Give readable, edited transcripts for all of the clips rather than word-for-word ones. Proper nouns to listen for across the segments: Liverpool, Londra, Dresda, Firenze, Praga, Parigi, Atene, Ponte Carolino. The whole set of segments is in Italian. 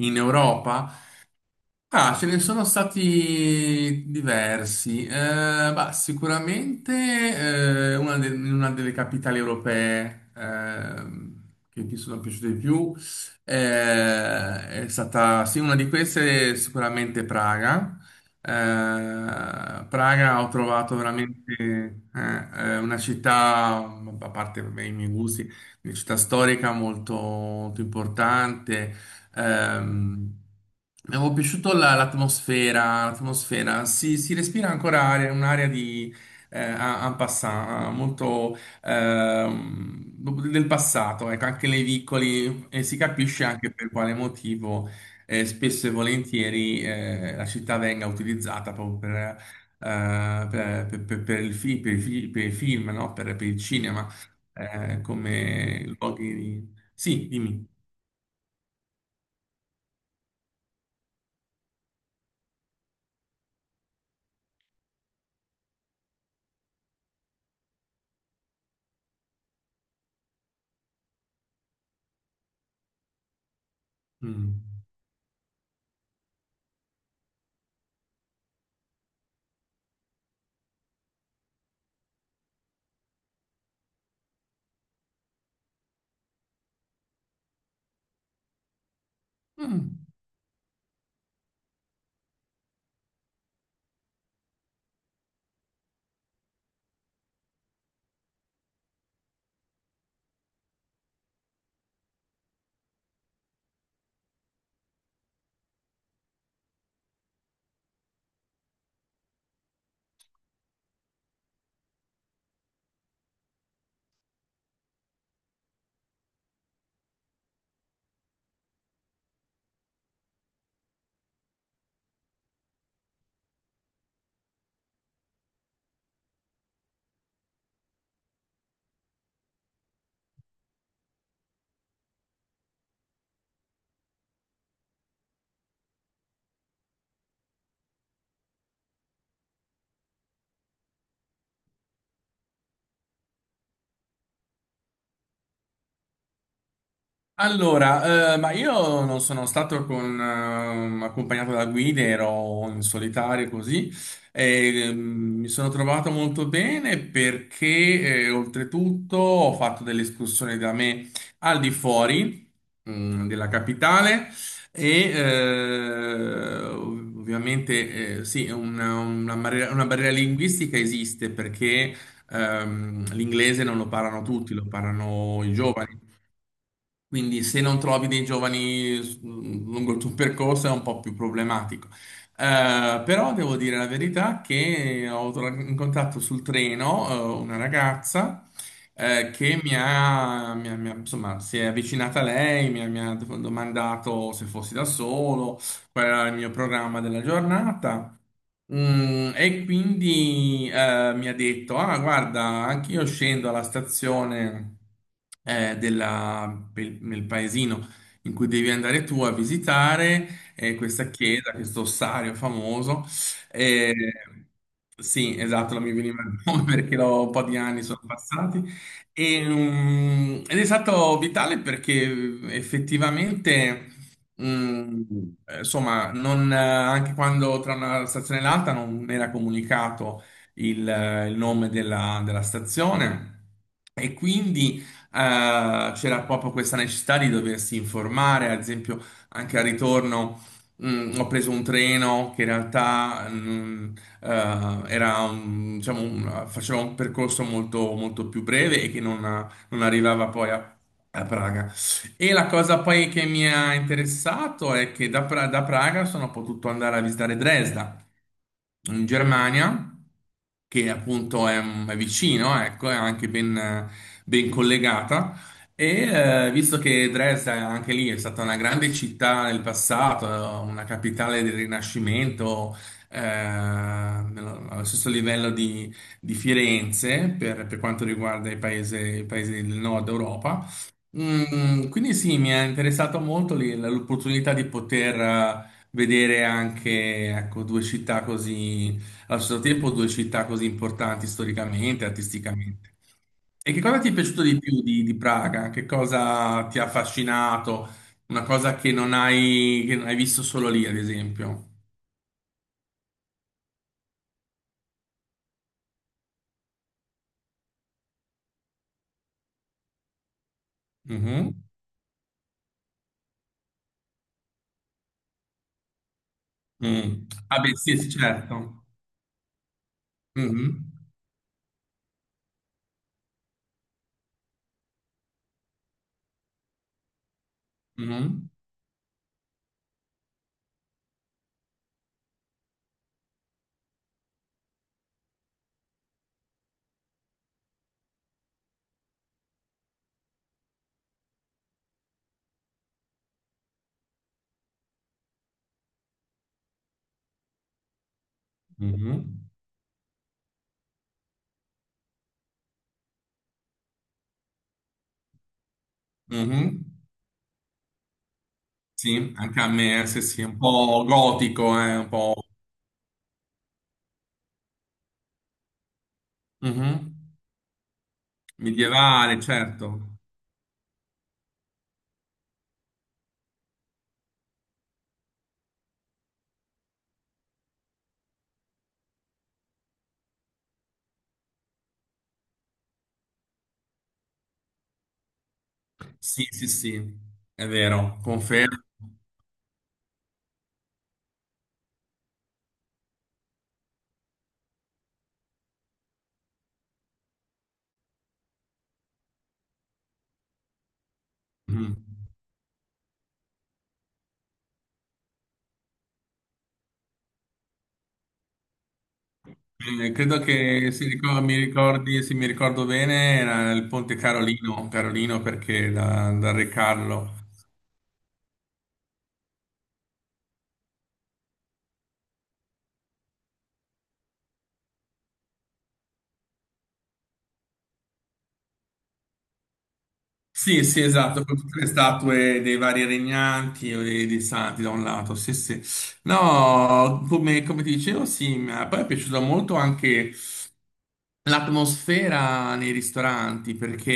In Europa? Ah, ce ne sono stati diversi. Bah, sicuramente una, in una delle capitali europee, che mi sono piaciute di più è stata, sì, una di queste è sicuramente Praga. Praga ho trovato veramente una città, a parte vabbè, i miei gusti, una città storica molto molto importante. Ehm, Mi avevo piaciuto l'atmosfera, si respira ancora un'area di en passant, molto ehm, del passato, ecco, anche nei vicoli e si capisce anche per quale motivo spesso e volentieri la città venga utilizzata proprio per il fi- per i film, no? Per il cinema, come luoghi. Sì, dimmi. Mm. Mm. Allora, ma io non sono stato con, accompagnato da guide, ero in solitario così, e, mi sono trovato molto bene perché oltretutto ho fatto delle escursioni da me al di fuori, della capitale. E ovviamente sì, una barriera, linguistica esiste perché l'inglese non lo parlano tutti, lo parlano i giovani, quindi se non trovi dei giovani lungo il tuo percorso è un po' più problematico. Però devo dire la verità che ho incontrato sul treno, una ragazza, che insomma, si è avvicinata a lei, mi ha domandato se fossi da solo, qual era il mio programma della giornata. E quindi mi ha detto: Ah, guarda, anche io scendo alla stazione nel paesino in cui devi andare tu a visitare questa chiesa, questo ossario famoso. Eh, sì, esatto, non mi veniva il nome perché un po' di anni sono passati. Ed è stato vitale perché effettivamente. Mm, insomma, non, anche quando tra una stazione e l'altra non era comunicato il nome della stazione. E quindi c'era proprio questa necessità di doversi informare, ad esempio anche al ritorno. Ho preso un treno che in realtà era diciamo, faceva un percorso molto, molto più breve e che non arrivava poi a Praga. E la cosa poi che mi ha interessato è che da Praga sono potuto andare a visitare Dresda, in Germania, che appunto è vicino, ecco, è anche ben collegata. E visto che Dresda è anche lì è stata una grande città nel passato, una capitale del Rinascimento, allo stesso livello di Firenze per quanto riguarda i paesi del nord Europa. Quindi sì, mi è interessato molto lì l'opportunità di poter vedere anche, ecco, due città così, allo stesso tempo due città così importanti storicamente, artisticamente. E che cosa ti è piaciuto di più di Praga? Che cosa ti ha affascinato? Una cosa che non hai visto solo lì, ad esempio. Mhm. Mm. Ah, beh, sì, sì, certo. Mhm. Mhm. Mhm. Mhm. Sì, anche a me, sì, sì, un po' gotico, un po'. Mhm. Medievale, certo. Sì, sì, sì, è vero, confermo. Mhm. Credo che mi ricordi, se mi ricordo bene, era il Ponte Carolino, Carolino perché da Re Carlo. Sì, sì, esatto, con tutte le statue dei vari regnanti o dei santi da un lato, sì, sì. No, come ti dicevo, sì, ma poi è piaciuto molto anche l'atmosfera nei ristoranti, perché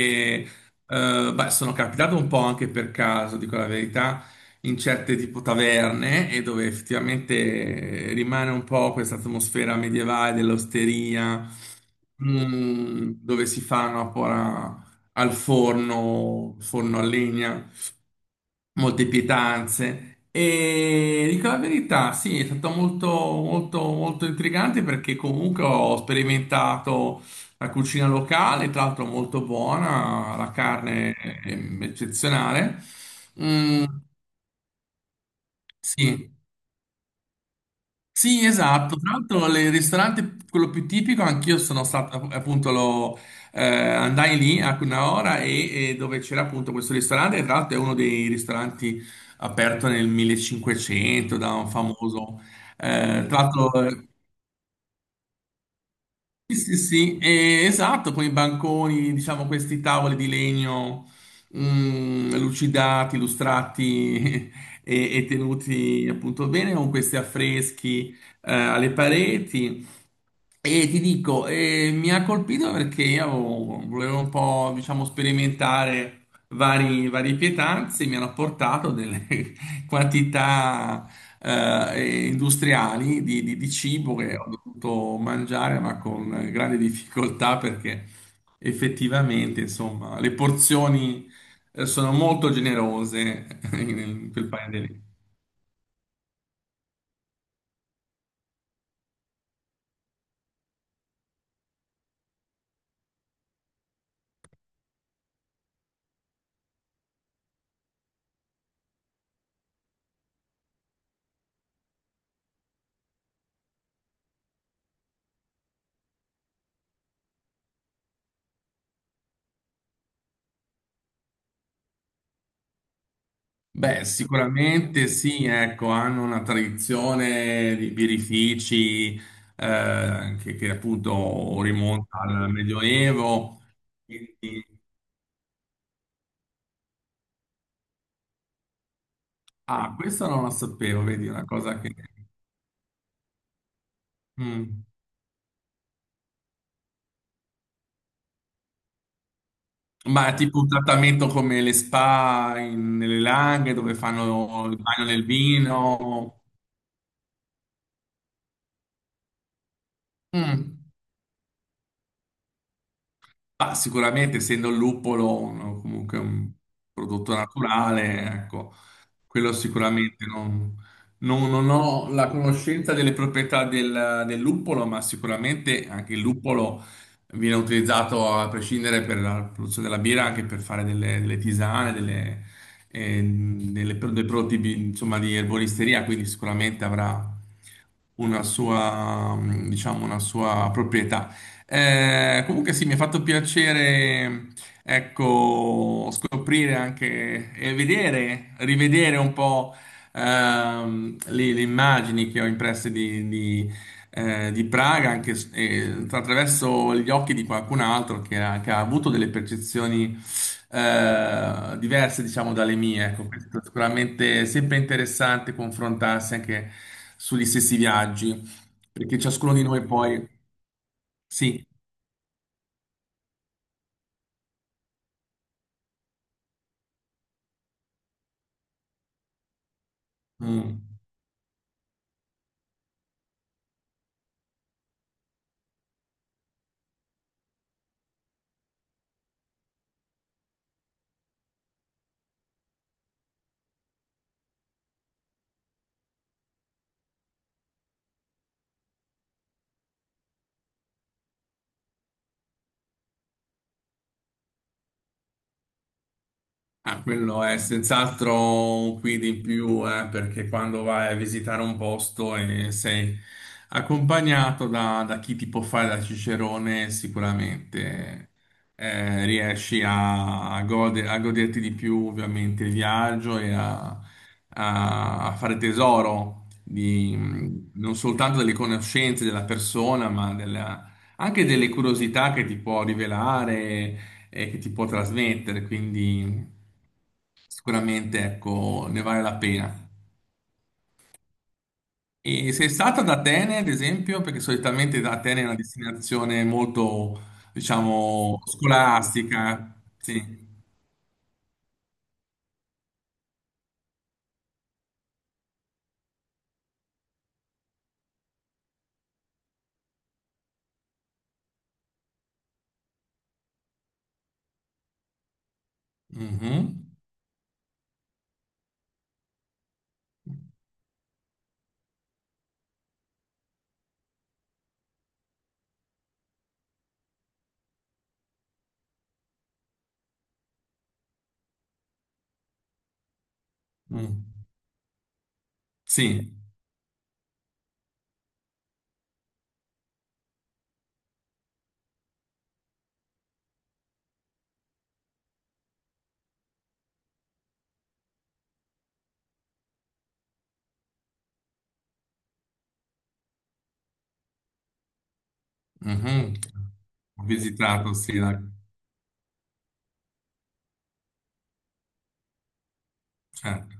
beh, sono capitato un po' anche per caso, dico la verità, in certe tipo taverne e dove effettivamente rimane un po' questa atmosfera medievale dell'osteria, dove si fanno ancora al forno, forno a legna molte pietanze. E dico la verità, sì, è stato molto, molto, molto intrigante perché comunque ho sperimentato la cucina locale, tra l'altro molto buona, la carne è eccezionale. Mm, sì. Sì, esatto. Tra l'altro, il ristorante, quello più tipico, anch'io sono stato, appunto, lo, andai lì a una ora e dove c'era appunto questo ristorante, e tra l'altro è uno dei ristoranti aperto nel 1500 da un famoso, tra l'altro, sì, sì, sì, esatto, con i banconi, diciamo, questi tavoli di legno, lucidati, lustrati e tenuti appunto bene, con questi affreschi alle pareti, e ti dico, mi ha colpito perché io volevo un po', diciamo, sperimentare varie pietanze, mi hanno portato delle quantità industriali di cibo che ho dovuto mangiare, ma con grande difficoltà perché effettivamente, insomma, le porzioni sono molto generose in quel paese lì. Beh, sicuramente sì, ecco, hanno una tradizione di birrifici che appunto rimonta al Medioevo. Quindi- Ah, questo non lo sapevo, vedi, una cosa che. Mm. Ma è tipo un trattamento come le spa nelle Langhe dove fanno il bagno nel vino. Mm. Ma sicuramente, essendo il luppolo comunque un prodotto naturale, ecco, quello sicuramente non ho la conoscenza delle proprietà del luppolo, ma sicuramente anche il luppolo viene utilizzato a prescindere per la produzione della birra, anche per fare delle tisane, delle, delle pro- dei prodotti bi- insomma, di erboristeria, quindi sicuramente avrà una sua, diciamo, una sua proprietà comunque sì, mi ha fatto piacere, ecco, scoprire anche e vedere, rivedere un po' le immagini che ho impresse di Praga, anche attraverso gli occhi di qualcun altro che ha avuto delle percezioni diverse, diciamo, dalle mie. Ecco, questo è sicuramente sempre interessante confrontarsi anche sugli stessi viaggi, perché ciascuno di noi poi. Sì. Mm. Ah, quello è senz'altro un quid in più, perché quando vai a visitare un posto e sei accompagnato da chi ti può fare da cicerone, sicuramente riesci a goderti di più ovviamente il viaggio e a fare tesoro di, non soltanto delle conoscenze della persona, ma anche delle curiosità che ti può rivelare e che ti può trasmettere, quindi sicuramente, ecco, ne vale la pena. E sei stata ad Atene, ad esempio, perché solitamente Atene è una destinazione molto, diciamo, scolastica. Sì. Mhm. Mm. Sì. Mhm. Ho visitato, sì, certo.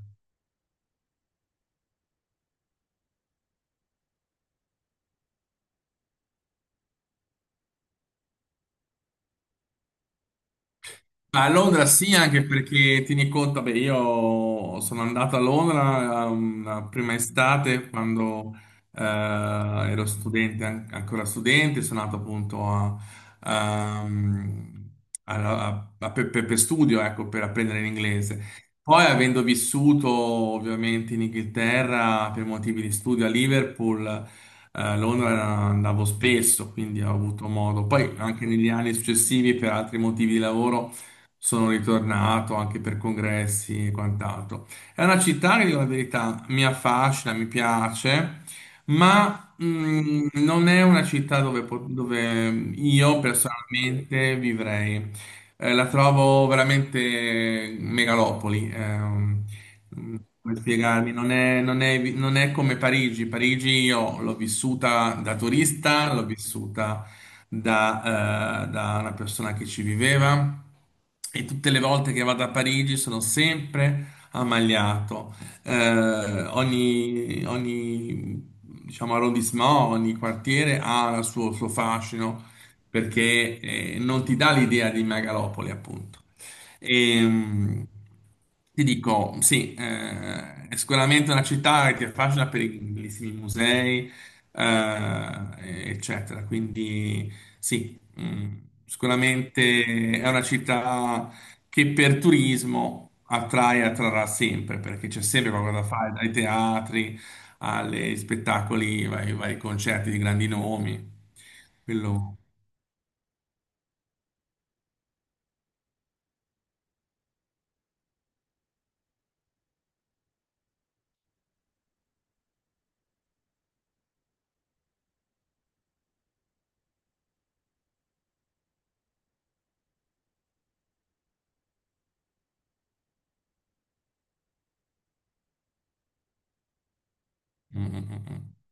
Ma a Londra sì, anche perché tieni conto, beh, io sono andato a Londra la prima estate quando ero studente, ancora studente, sono andato appunto a, um, a- a- a- per studio, ecco, per apprendere l'inglese. Poi avendo vissuto ovviamente in Inghilterra per motivi di studio a Liverpool, a Londra andavo spesso, quindi ho avuto modo. Poi anche negli anni successivi per altri motivi di lavoro sono ritornato anche per congressi e quant'altro. È una città che, dico la verità, mi affascina, mi piace, ma non è una città dove, dove io personalmente vivrei. La trovo veramente megalopoli. Come spiegarmi? Non è come Parigi. Parigi io l'ho vissuta da turista, l'ho vissuta da una persona che ci viveva e tutte le volte che vado a Parigi sono sempre ammaliato. Ogni, diciamo, arrondissement, ogni quartiere ha il suo fascino perché non ti dà l'idea di megalopoli, appunto. E, ti dico, sì, è sicuramente una città che è facile per i bellissimi musei, eccetera. Quindi sì, sicuramente è una città che per turismo attrae e attrarrà sempre, perché c'è sempre qualcosa da fare, dai teatri agli spettacoli, ai vari concerti di grandi nomi. Quello. Mm, mm, mm. Mm.